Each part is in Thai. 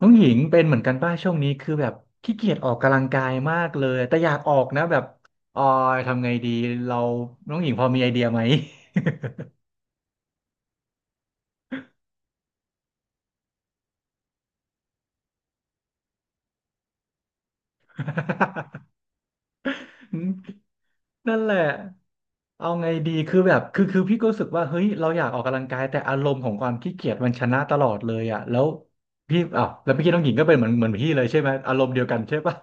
น้องหญิงเป็นเหมือนกันป่ะช่วงนี้คือแบบขี้เกียจออกกำลังกายมากเลยแต่อยากออกนะแบบออยทำไงดีเราน้องหญิงพอมีไอเดียไหม นั่นแหละเอาไงดีคือแบบคือคือพี่ก็รู้สึกว่าเฮ้ยเราอยากออกกำลังกายแต่อารมณ์ของความขี้เกียจมันชนะตลอดเลยอ่ะแล้วพี่อ้าวแล้วพี่อกี้น้องหญิงก็เป็นเหมือนพี่เลยใช่ไหมอารมณ์เดียวกันใช่ป่ะ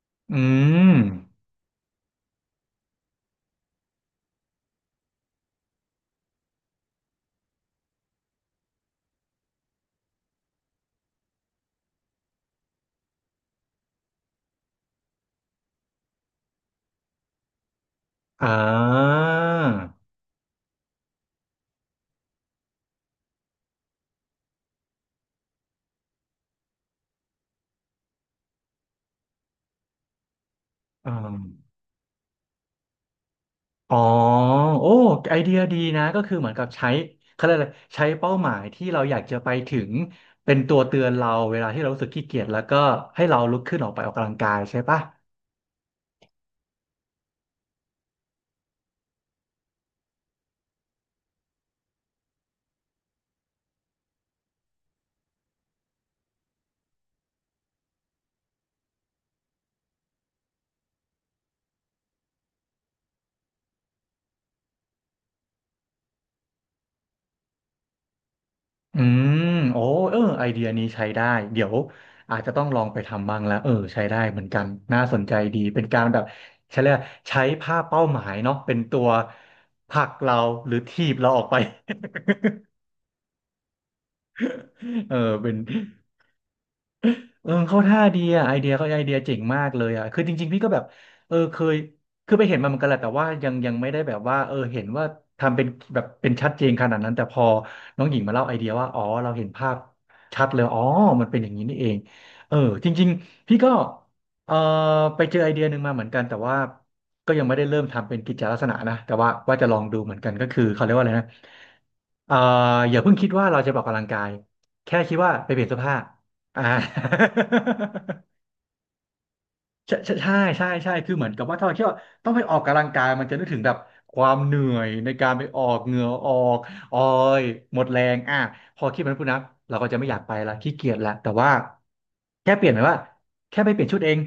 อืมอ่าอ่า อ๋อโอ้ไอเดียดีนะก็คือเหมือนกับใช้เขาเรียกอะไรใช้เป้าหมายที่เราอยากจะไปถึงเป็นตัวเตือนเราเวลาที่เรารู้สึกขี้เกียจแล้วก็ให้เราลุกขึ้นออกไปออกกำลังกายใช่ปะอืมโอ้เออไอเดียนี้ใช้ได้เดี๋ยวอาจจะต้องลองไปทำบ้างแล้วเออใช้ได้เหมือนกันน่าสนใจดีเป็นการแบบใช้เรียกว่าใช้ภาพเป้าหมายเนาะเป็นตัวผลักเราหรือถีบเราออกไป เออเป็น เออเข้าท่าดีอ่ะไอเดียก็ไอเดียเจ๋งมากเลยอ่ะคือจริงๆพี่ก็แบบเออเคยคือไปเห็นมาเหมือนกันแหละแต่ว่ายังไม่ได้แบบว่าเออเห็นว่าทำเป็นแบบเป็นชัดเจนขนาดนั้นแต่พอน้องหญิงมาเล่าไอเดียว่าอ๋อเราเห็นภาพชัดเลยอ๋อมันเป็นอย่างนี้นี่เองเออจริงๆพี่ก็เออไปเจอไอเดียหนึ่งมาเหมือนกันแต่ว่าก็ยังไม่ได้เริ่มทำเป็นกิจลักษณะนะแต่ว่าจะลองดูเหมือนกันก็คือเขาเรียกว่าอะไรนะ เอ่ออย่าเพิ่งคิดว่าเราจะไปออกกำลังกายแค่คิดว่าไปเปลี่ยนเสื้อผ้าอ่า ใช่คือเหมือนกับว่าถ้าเราคิดว่าต้องไปออกกำลังกายมันจะนึกถึงแบบความเหนื่อยในการไปออกเหงื่อออกออยหมดแรงอ่ะพอคิดแบบนั้นปุ๊บนะเราก็จะไม่อยากไปละขี้เกียจละแต่ว่าแค่เปลี่ยนหมายว่าแค่ไปเปลี่ยนชุดเอง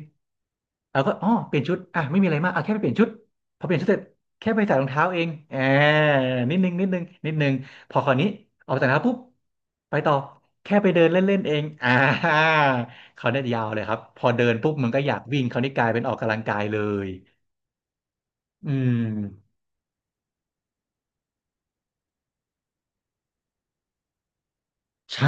เราก็อ๋อเปลี่ยนชุดอ่ะไม่มีอะไรมากอ่ะแค่ไปเปลี่ยนชุดพอเปลี่ยนชุดเสร็จแค่ไปใส่รองเท้าเองแอมนิดนึงพอคราวนี้ออกจากรองเท้าปุ๊บไปต่อแค่ไปเดินเล่นๆเองอ่า เขาเนี่ยยาวเลยครับพอเดินปุ๊บมันก็อยากวิ่งเขาวนี่กลายเป็นออกกำลังกายเลยอืมใช่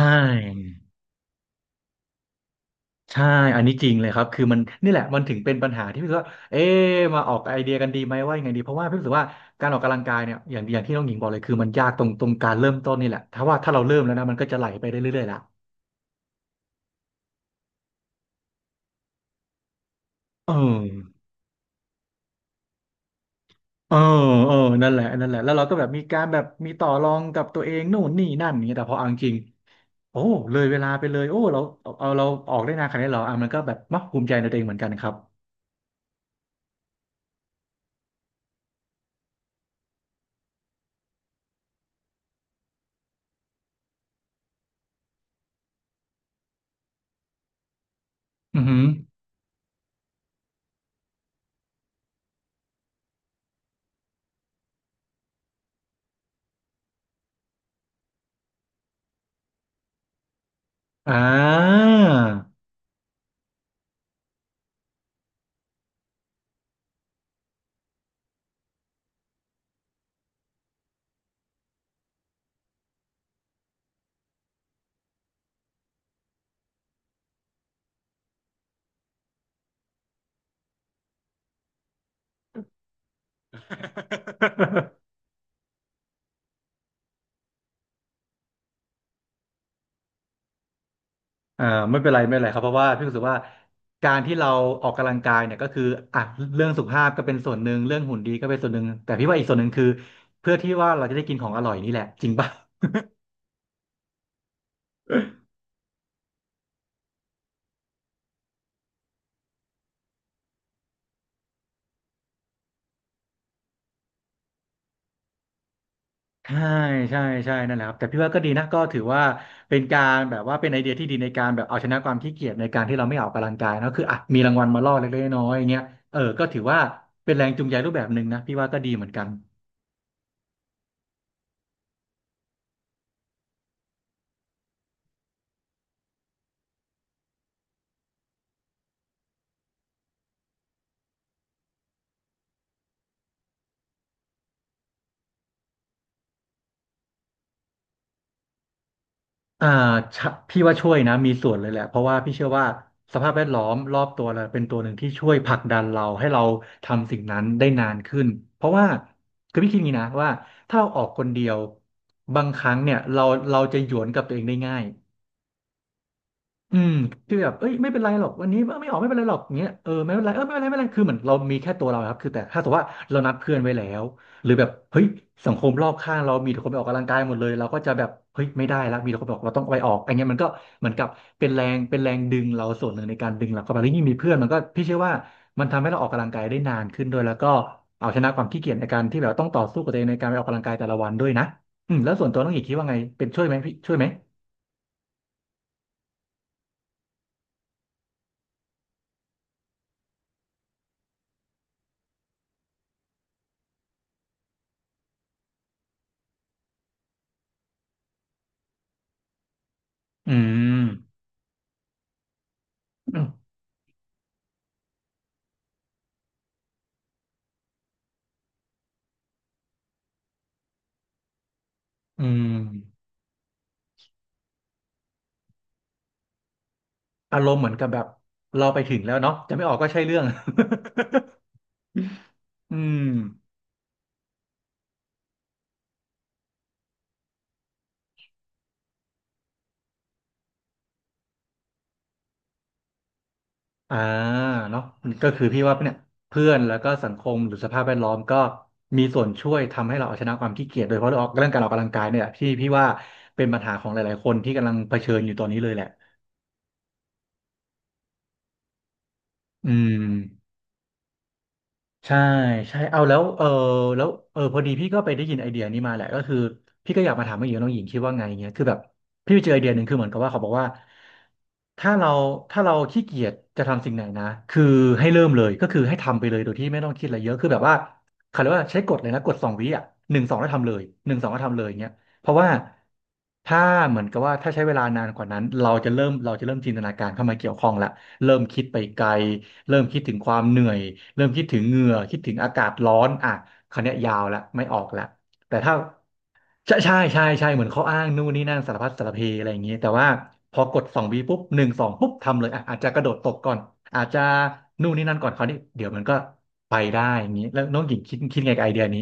ใช่อันนี้จริงเลยครับคือมันนี่แหละมันถึงเป็นปัญหาที่พี่รู้สึกว่าเอ๊ะมาออกไอเดียกันดีไหมว่ายังไงดีเพราะว่าพี่รู้สึกว่าการออกกำลังกายเนี่ยอย่างที่น้องหญิงบอกเลยคือมันยากตรงการเริ่มต้นนี่แหละถ้าเราเริ่มแล้วนะมันก็จะไหลไปได้เรื่อยๆละเออเออเออนั่นแหละนั่นแหละแล้วเราก็แบบมีการแบบมีต่อรองกับตัวเองนู่นนี่นั่นอย่างเงี้ยแต่พอเอาจริง โอ้เลยเวลาไปเลยโอ้เราเอาเราออกได้นานขนาดนี้เหรออ่ะมันก็แบบมักภูมิใจในตัวเองเหมือนกันครับอือหืออ่า อ่าไม่เป็นไรครับเพราะว่าพี่รู้สึกว่าการที่เราออกกำลังกายเนี่ยก็คืออ่ะเรื่องสุขภาพก็เป็นส่วนหนึ่งเรื่องหุ่นดีก็เป็นส่วนหนึ่งแต่พี่ว่าอีกส่วนหนึ่งคือเพื่อที่ว่าเราจะได้กินของอร่อยนี่แหละจริงป่ะ ใช่ใช่ใช่นั่นแหละครับแต่พี่ว่าก็ดีนะก็ถือว่าเป็นการแบบว่าเป็นไอเดียที่ดีในการแบบเอาชนะความขี้เกียจในการที่เราไม่ออกกำลังกายเนอะคืออ่ะมีรางวัลมาล่อเล็กๆน้อยๆอย่างเงี้ยเออก็ถือว่าเป็นแรงจูงใจรูปแบบหนึ่งนะพี่ว่าก็ดีเหมือนกันอ่าชะพี่ว่าช่วยนะมีส่วนเลยแหละเพราะว่าพี่เชื่อว่าสภาพแวดล้อมรอบตัวเราเป็นตัวหนึ่งที่ช่วยผลักดันเราให้เราทำสิ่งนั้นได้นานขึ้นเพราะว่าคือพี่คิดอย่างนี้นะว่าถ้าเราออกคนเดียวบางครั้งเนี่ยเราจะหยวนกับตัวเองได้ง่าย อืมคือแบบเอ้ยไม่เป็นไรหรอกวันนี้เออไม่ออกไม่เป็นไรหรอกอย่างเงี้ยเออไม่เป็นไรเออไม่เป็นไรไม่เป็นไรคือเหมือนเรามีแค่ตัวเราครับคือแต่ถ้าสมมติว่าเรานัดเพื่อนไว้แล้วหรือแบบเฮ้ยสังคมรอบข้างเรามีแต่คนไปออกกำลังกายหมดเลยเราก็จะแบบเฮ้ยไม่ได้ละมีแต่คนบอกเราต้องไปออกอันเนี้ยมันก็เหมือนกับเป็นแรงเป็นแรงดึงเราส่วนหนึ่งในการดึงเราเข้าไปแล้วยิ่งมีเพื่อนมันก็พี่เชื่อว่ามันทำให้เราออกกำลังกายได้นานขึ้นด้วยแล้วก็เอาชนะความขี้เกียจในการที่แบบต้องต่อสู้กับตัวเองในการไปออกกำลังกายแต่ละวันด้วยนะอืมแล้วส่วนตัวน้องอีกคิดว่าไงเป็นช่วยไหมพี่ช่วยไหมอืม อืมอารมณ์เหมือนกับแบบเราไปถึงแล้วเนาะจะไม่ออกก็ใช่เรื่อง อืมอ่าเนาะก็คือพี่ว่าเนี่ยเพื่อนแล้วก็สังคมหรือสภาพแวดล้อมก็มีส่วนช่วยทำให้เราเอาชนะความขี้เกียจโดยเฉพาะเรื่องออกเรื่องการออกกำลังกายเนี่ยแหละที่พี่ว่าเป็นปัญหาของหลายๆคนที่กำลังเผชิญอยู่ตอนนี้เลยแหละอืม ใช่ใช่เอาแล้วเออแล้วเออพอดีพี่ก็ไปได้ยินไอเดียนี้มาแหละก็คือพี่ก็อยากมาถามว่าหญิงน้องหญิงคิดว่าไงเงี้ยคือแบบพี่ไปเจอไอเดียหนึ่งคือเหมือนกับว่าเขาบอกว่าถ้าเราถ้าเราขี้เกียจจะทำสิ่งไหนนะคือให้เริ่มเลยก็คือให้ทำไปเลยโดยที่ไม่ต้องคิดอะไรเยอะคือแบบว่าเขาเรียกว่าใช้กฎเลยนะกฎสองวิอ่ะหนึ่งสองแล้วทำเลยหนึ่งสองแล้วทำเลยเงี้ยเพราะว่าถ้าเหมือนกับว่าถ้าใช้เวลานานกว่านั้นเราจะเริ่มจินตนาการเข้ามาเกี่ยวข้องละ เริ่มคิดไปไกลเริ่มคิดถึงความเหนื่อยเริ่มคิดถึงเหงื่อคิดถึงอากาศร้อนอ่ะคราวนี้ยยาวละไม่ออกละแต่ถ้าใช่ใช่ใช่ใช่เหมือนเขาอ้างนู่นนี่นั่นสารพัดสารเพอะไรอย่างเงี้ยแต่ว่าพอกดสองวีปุ๊บหนึ่งสองปุ๊บทำเลยอ่ะอาจจะกระโดดตกก่อนอาจจะนู่นนี่นั่นก่อนเขาวนี้เดี๋ยวมันก็ไปได้อย่างนี้แล้วน้องหญิงคิดไงกับไอเดียนี้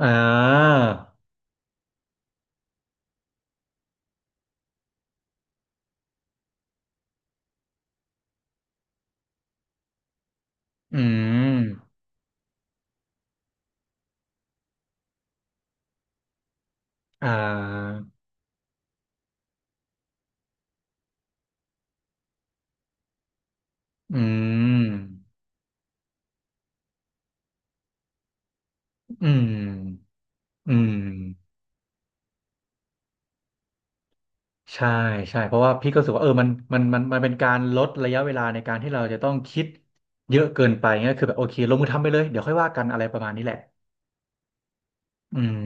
อ่าอืมอ่าอืมอืมอืม ใช่ใช่เพราะว่าพี่ก็รู้สึกว่าเออมันเป็นการลดระยะเวลาในการที่เราจะต้องคิดเยอะเกินไปเงี้ยคือแบบโอเคลงมือทำไปเลยเดี๋ยวค่อยว่ากันอะไรประมาณนี้แหละอืม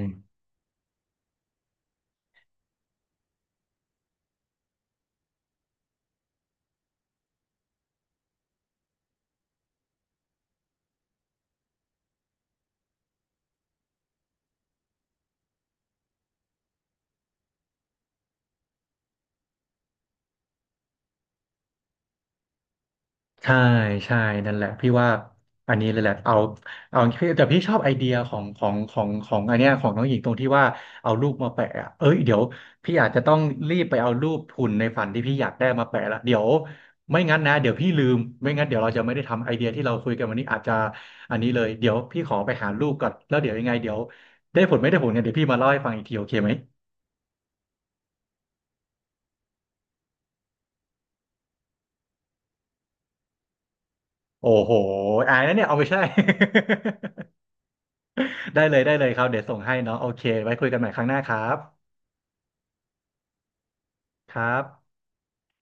ใช่ใช่นั่นแหละพี่ว่าอันนี้เลยแหละเอาเอาแต่พี่ชอบไอเดียของอันเนี้ยของน้องหญิงตรงที่ว่าเอารูปมาแปะอะเอ้ยเดี๋ยวพี่อาจจะต้องรีบไปเอารูปหุ่นในฝันที่พี่อยากได้มาแปะละเดี๋ยวไม่งั้นนะเดี๋ยวพี่ลืมไม่งั้นเดี๋ยวเราจะไม่ได้ทำไอเดียที่เราคุยกันวันนี้อาจจะอันนี้เลยเดี๋ยวพี่ขอไปหารูปก่อนแล้วเดี๋ยวยังไงเดี๋ยวได้ผลไม่ได้ผลกันเดี๋ยวพี่มาเล่าให้ฟังอีกทีโอเคไหมโอ้โหอายนะเนี่ยเอาไปใช่ ได้เลยได้เลยครับเดี๋ยวส่งให้เนาะโอเคไว้คุยกันใหม่ครั้งหน้าครับ ครับ